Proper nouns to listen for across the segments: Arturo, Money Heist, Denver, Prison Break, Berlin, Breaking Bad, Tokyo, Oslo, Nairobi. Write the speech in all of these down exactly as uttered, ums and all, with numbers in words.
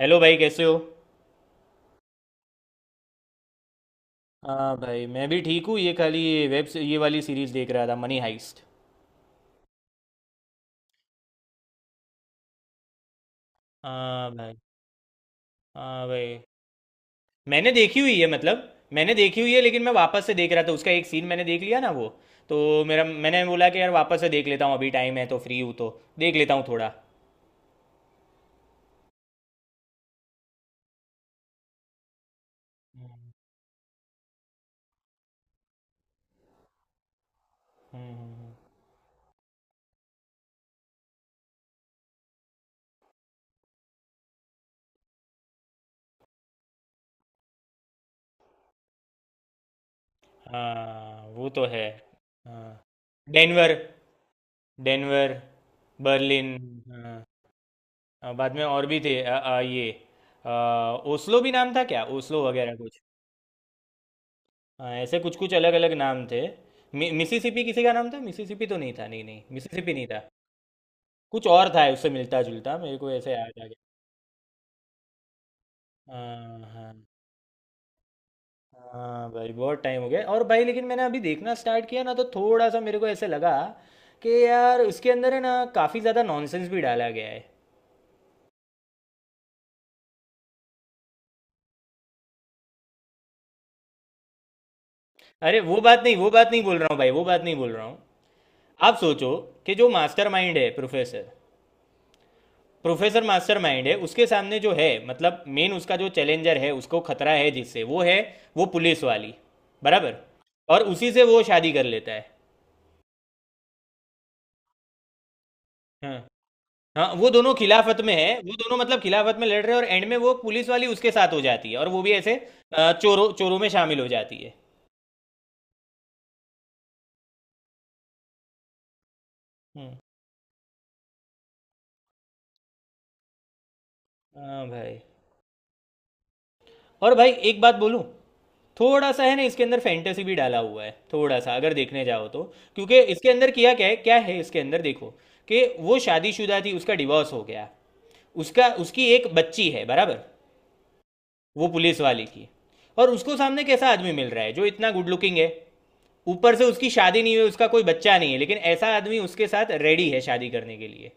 Hello भाई, कैसे हो। हाँ भाई, मैं भी ठीक हूँ। ये खाली वेब से ये वाली सीरीज देख रहा था, मनी हाइस्ट। हाँ भाई। हाँ भाई, मैंने देखी हुई है मतलब मैंने देखी हुई है, लेकिन मैं वापस से देख रहा था। उसका एक सीन मैंने देख लिया ना वो, तो मेरा मैंने बोला कि यार वापस से देख लेता हूँ, अभी टाइम है तो, फ्री हूँ तो देख लेता हूँ थोड़ा। हम्म, हम्म, हम्म। हाँ, वो तो है। हाँ, डेनवर। डेनवर। बर्लिन। हाँ। हाँ, बाद में और भी थे। अ, अ, ये अ, ओस्लो भी नाम था क्या, ओस्लो वगैरह कुछ। हाँ, ऐसे कुछ कुछ अलग अलग नाम थे। मि, मिसिसिपी किसी का नाम था। मिसिसिपी तो नहीं था, नहीं नहीं, मिसिसिपी नहीं था। कुछ और था उससे मिलता जुलता, मेरे को ऐसे याद आ गया। हाँ हाँ। हाँ भाई, बहुत टाइम हो गया। और भाई लेकिन मैंने अभी देखना स्टार्ट किया ना, तो थोड़ा सा मेरे को ऐसे लगा कि यार उसके अंदर है ना, काफ़ी ज़्यादा नॉनसेंस भी डाला गया है। अरे वो बात नहीं, वो बात नहीं बोल रहा हूँ भाई, वो बात नहीं बोल रहा हूँ। आप सोचो कि जो मास्टरमाइंड है प्रोफेसर, प्रोफेसर मास्टरमाइंड है, उसके सामने जो है मतलब मेन, उसका जो चैलेंजर है, उसको खतरा है जिससे, वो है वो पुलिस वाली। बराबर। और उसी से वो शादी कर लेता है। हाँ हाँ, वो दोनों खिलाफत में है, वो दोनों मतलब खिलाफत में लड़ रहे हैं, और एंड में वो पुलिस वाली उसके साथ हो जाती है, और वो भी ऐसे अ, चोरों चोरों में शामिल हो जाती है। हम्म, हाँ भाई। और भाई एक बात बोलूं, थोड़ा सा है ना इसके अंदर फैंटेसी भी डाला हुआ है थोड़ा सा, अगर देखने जाओ तो। क्योंकि इसके अंदर किया क्या है, क्या है इसके अंदर देखो, कि वो शादीशुदा थी, उसका डिवोर्स हो गया, उसका उसकी एक बच्ची है। बराबर। वो पुलिस वाले की। और उसको सामने कैसा आदमी मिल रहा है, जो इतना गुड लुकिंग है, ऊपर से उसकी शादी नहीं हुई, उसका कोई बच्चा नहीं है, लेकिन ऐसा आदमी उसके साथ रेडी है शादी करने के लिए।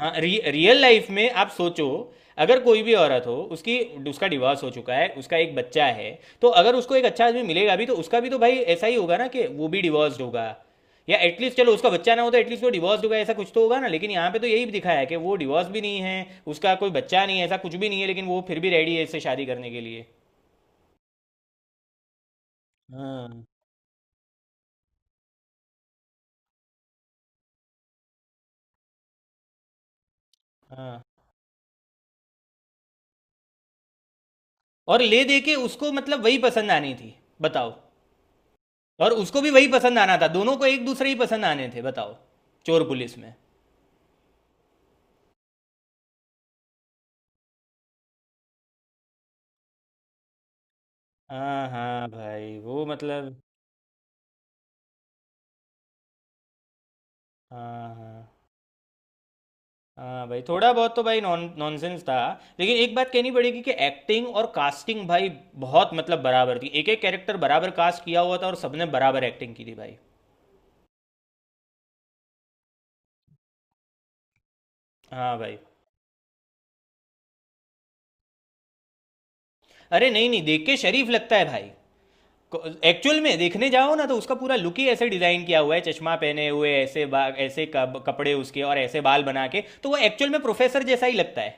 हाँ, रि, रियल लाइफ में आप सोचो, अगर कोई भी औरत हो, उसकी उसका डिवोर्स हो चुका है, उसका एक बच्चा है, तो अगर उसको एक अच्छा आदमी मिलेगा भी, तो उसका भी तो भाई ऐसा ही होगा ना, कि वो भी डिवोर्स्ड होगा, या एटलीस्ट चलो उसका बच्चा ना हो तो एटलीस्ट वो डिवोर्स्ड होगा, ऐसा कुछ तो होगा ना। लेकिन यहाँ पे तो यही दिखाया है कि वो डिवोर्स भी नहीं है, उसका कोई बच्चा नहीं है, ऐसा कुछ भी नहीं है, लेकिन वो फिर भी रेडी है इससे शादी करने के लिए। हाँ हाँ। और ले दे के उसको मतलब वही पसंद आनी थी, बताओ। और उसको भी वही पसंद आना था, दोनों को एक दूसरे ही पसंद आने थे, बताओ। चोर पुलिस में। हाँ, हाँ भाई, वो मतलब। हाँ हाँ। हाँ भाई, थोड़ा बहुत तो भाई नॉन नॉनसेंस था। लेकिन एक बात कहनी पड़ेगी कि एक्टिंग और कास्टिंग भाई बहुत मतलब बराबर थी। एक एक कैरेक्टर बराबर कास्ट किया हुआ था, और सबने बराबर एक्टिंग की थी भाई। हाँ भाई। अरे नहीं नहीं, देख के शरीफ लगता है भाई। एक्चुअल में देखने जाओ ना, तो उसका पूरा लुक ही ऐसे डिजाइन किया हुआ है, चश्मा पहने हुए ऐसे बा- ऐसे कप- कपड़े उसके, और ऐसे बाल बना के, तो वो एक्चुअल में प्रोफेसर जैसा ही लगता है।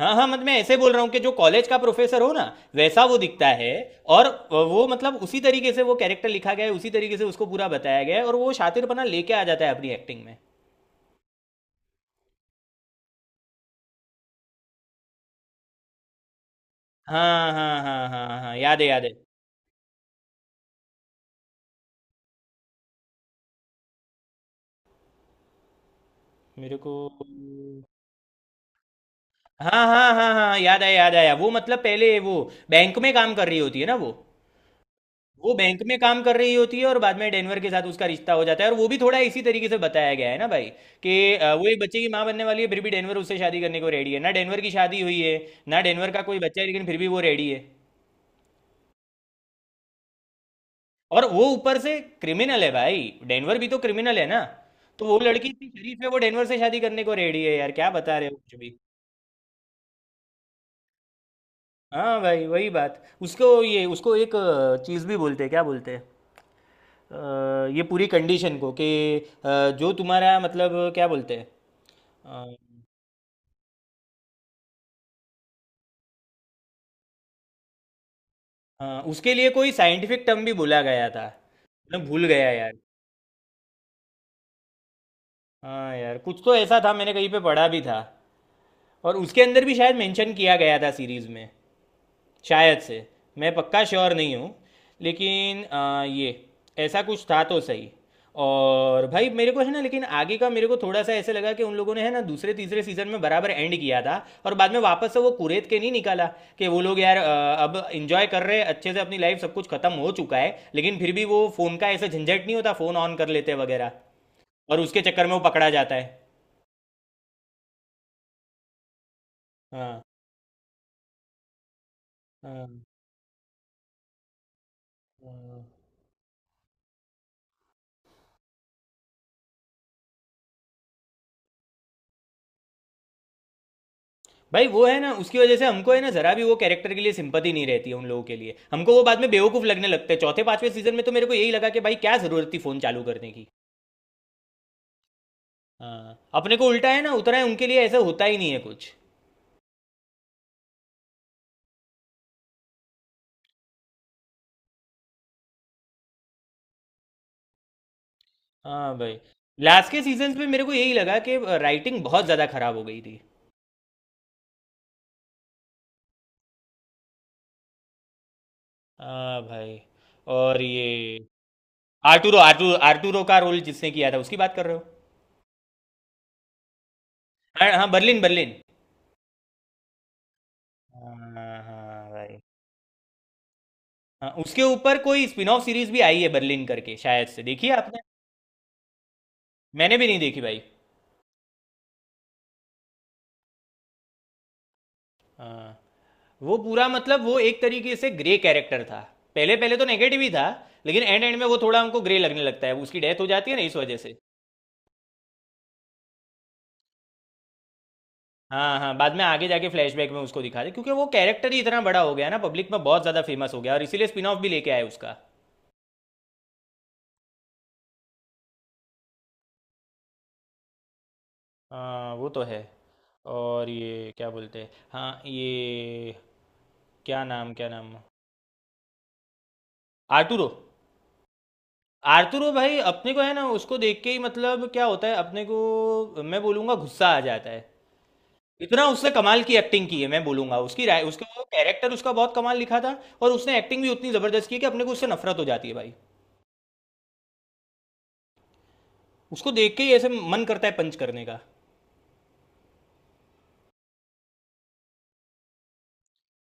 हाँ हाँ, मतलब मैं ऐसे बोल रहा हूँ कि जो कॉलेज का प्रोफेसर हो ना, वैसा वो दिखता है। और वो मतलब उसी तरीके से वो कैरेक्टर लिखा गया है, उसी तरीके से उसको पूरा बताया गया है, और वो शातिरपना लेके आ जाता है अपनी एक्टिंग में। हाँ हाँ हाँ हाँ हाँ, याद है याद है। मेरे को हाँ हाँ हाँ हाँ हाँ, याद आया याद आया। वो मतलब पहले वो बैंक में काम कर रही होती है ना वो। वो बैंक में काम कर रही होती है, और बाद में डेनवर के साथ उसका रिश्ता हो जाता है, और वो भी थोड़ा इसी तरीके से बताया गया है ना भाई, कि अ, वो एक बच्चे की माँ बनने वाली है, फिर भी डेनवर उससे शादी करने को रेडी है। ना डेनवर की शादी हुई है, ना डेनवर का कोई बच्चा है, लेकिन फिर भी वो रेडी है। और वो ऊपर से क्रिमिनल है भाई, डेनवर भी तो क्रिमिनल है ना। तो वो लड़की इतनी शरीफ है, वो डेनवर से शादी करने को रेडी है, यार क्या बता रहे हो कुछ भी। हाँ भाई वही बात। उसको ये उसको एक अ, चीज़ भी बोलते हैं, क्या बोलते हैं। अ, ये पूरी कंडीशन को कि अ, जो तुम्हारा मतलब, क्या बोलते हैं। हाँ। हाँ, उसके लिए कोई साइंटिफिक टर्म भी बोला गया था। मैं भूल गया यार। हाँ यार, कुछ तो ऐसा था, मैंने कहीं पे पढ़ा भी था, और उसके अंदर भी शायद मेंशन किया गया था सीरीज में, शायद से। मैं पक्का श्योर नहीं हूँ, लेकिन अ, ये ऐसा कुछ था तो सही। और भाई मेरे को है ना, लेकिन आगे का मेरे को थोड़ा सा ऐसे लगा कि उन लोगों ने है ना दूसरे तीसरे सीजन में बराबर एंड किया था, और बाद में वापस से वो कुरेद के नहीं निकाला। कि वो लोग यार अ, अब इंजॉय कर रहे हैं अच्छे से अपनी लाइफ, सब कुछ खत्म हो चुका है, लेकिन फिर भी वो फोन का ऐसा झंझट नहीं होता, फोन ऑन कर लेते हैं वगैरह, और उसके चक्कर में वो पकड़ा जाता है। हाँ हाँ। हाँ भाई, वो है ना उसकी वजह से हमको है ना जरा भी वो कैरेक्टर के लिए सिंपति नहीं रहती है। उन लोगों के लिए हमको वो बाद में बेवकूफ लगने लगते हैं, चौथे पांचवे सीजन में। तो मेरे को यही लगा कि भाई क्या जरूरत थी फोन चालू करने की। हाँ, अपने को उल्टा है ना, उतना है उनके लिए ऐसा होता ही नहीं है कुछ। हाँ भाई, लास्ट के सीजन्स में मेरे को यही लगा कि राइटिंग बहुत ज़्यादा खराब हो गई थी। हाँ भाई। और ये, आर्टूरो आर्टू आर्टूरो का रोल जिसने किया था उसकी बात कर रहे हो। हाँ हाँ, बर्लिन बर्लिन। हाँ हाँ भाई। हाँ, उसके ऊपर कोई स्पिन ऑफ सीरीज भी आई है बर्लिन करके, शायद से। देखी है आपने। मैंने भी नहीं देखी भाई। हाँ, वो पूरा मतलब वो एक तरीके से ग्रे कैरेक्टर था। पहले पहले तो नेगेटिव ही था, लेकिन एंड एंड में वो थोड़ा हमको ग्रे लगने लगता है, उसकी डेथ हो जाती है ना इस वजह से। हाँ हाँ, बाद में आगे जाके फ्लैशबैक में उसको दिखाते, क्योंकि वो कैरेक्टर ही इतना बड़ा हो गया ना, पब्लिक में बहुत ज़्यादा फेमस हो गया, और इसीलिए स्पिन ऑफ भी लेके आए उसका। हाँ, वो तो है। और ये क्या बोलते हैं, हाँ ये, क्या नाम, क्या नाम। आर्टुरो। आर्तुरो भाई, अपने को है ना उसको देख के ही मतलब क्या होता है अपने को, मैं बोलूंगा गुस्सा आ जाता है। इतना उसने कमाल की एक्टिंग की है, मैं बोलूंगा उसकी राय, उसका वो कैरेक्टर, उसका बहुत कमाल लिखा था। और उसने एक्टिंग भी उतनी जबरदस्त की है कि अपने को उससे नफरत हो जाती है भाई। उसको देख के ही ऐसे मन करता है पंच करने का।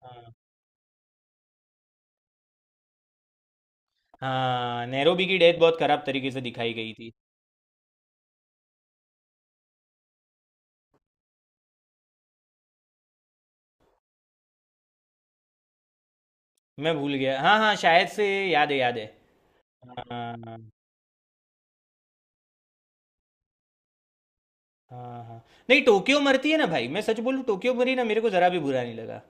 हाँ। हाँ, नैरोबी की डेथ बहुत खराब तरीके से दिखाई गई थी। मैं भूल गया। हाँ हाँ, शायद से। याद है याद है। हाँ हाँ हाँ। नहीं, टोक्यो मरती है ना भाई, मैं सच बोलूँ टोक्यो मरी ना, मेरे को जरा भी बुरा नहीं लगा।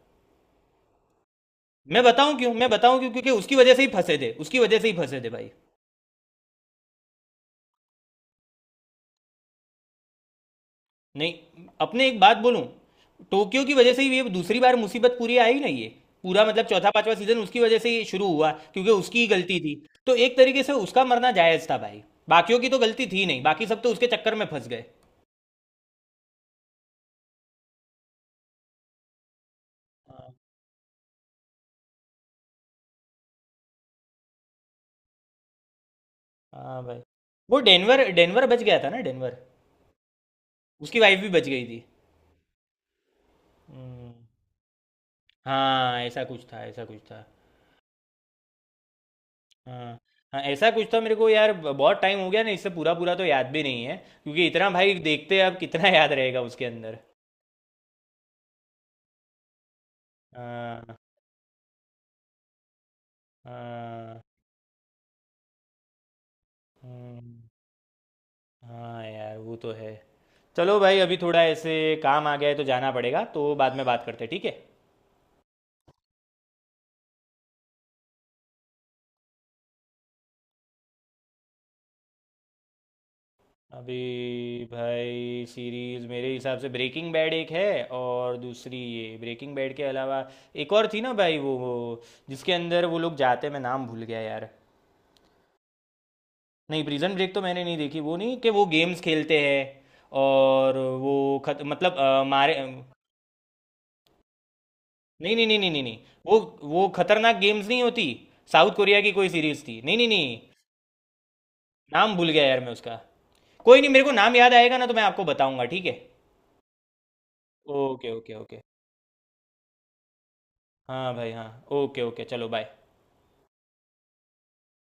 मैं बताऊं क्यों, मैं बताऊं क्यों, क्योंकि उसकी वजह से ही फंसे थे, उसकी वजह से ही फंसे थे भाई। नहीं अपने एक बात बोलूं, टोक्यो की वजह से ही ये दूसरी बार मुसीबत पूरी आई ना ये, पूरा मतलब चौथा पांचवा सीजन उसकी वजह से ही शुरू हुआ, क्योंकि उसकी ही गलती थी। तो एक तरीके से उसका मरना जायज था भाई। बाकियों की तो गलती थी नहीं, बाकी सब तो उसके चक्कर में फंस गए। हाँ हाँ भाई, वो डेनवर, डेनवर बच गया था ना, डेनवर। उसकी वाइफ भी बच गई थी। हम्म, हाँ ऐसा कुछ था, ऐसा कुछ था। हाँ, हाँ ऐसा कुछ था, मेरे को यार ब- बहुत टाइम हो गया ना इससे, पूरा पूरा तो याद भी नहीं है। क्योंकि इतना भाई, देखते हैं अब कितना याद रहेगा उसके अंदर। हाँ हाँ। हम्म, हाँ यार वो तो है। चलो भाई, अभी थोड़ा ऐसे काम आ गया है तो जाना पड़ेगा, तो बाद में बात करते हैं ठीक है। अभी भाई सीरीज मेरे हिसाब से ब्रेकिंग बैड एक है। और दूसरी ये, ब्रेकिंग बैड के अलावा एक और थी ना भाई, वो वो जिसके अंदर वो लोग जाते, मैं नाम भूल गया यार। नहीं प्रिजन ब्रेक तो मैंने नहीं देखी, वो नहीं, कि वो गेम्स खेलते हैं, और वो खत मतलब अ, मारे। नहीं नहीं नहीं नहीं नहीं नहीं, वो वो खतरनाक गेम्स नहीं होती। साउथ कोरिया की कोई सीरीज थी। नहीं नहीं नहीं। नाम भूल गया यार मैं उसका। कोई नहीं, मेरे को नाम याद आएगा ना तो मैं आपको बताऊंगा ठीक है। Okay okay okay. हाँ भाई हाँ। ओके ओके, चलो बाय।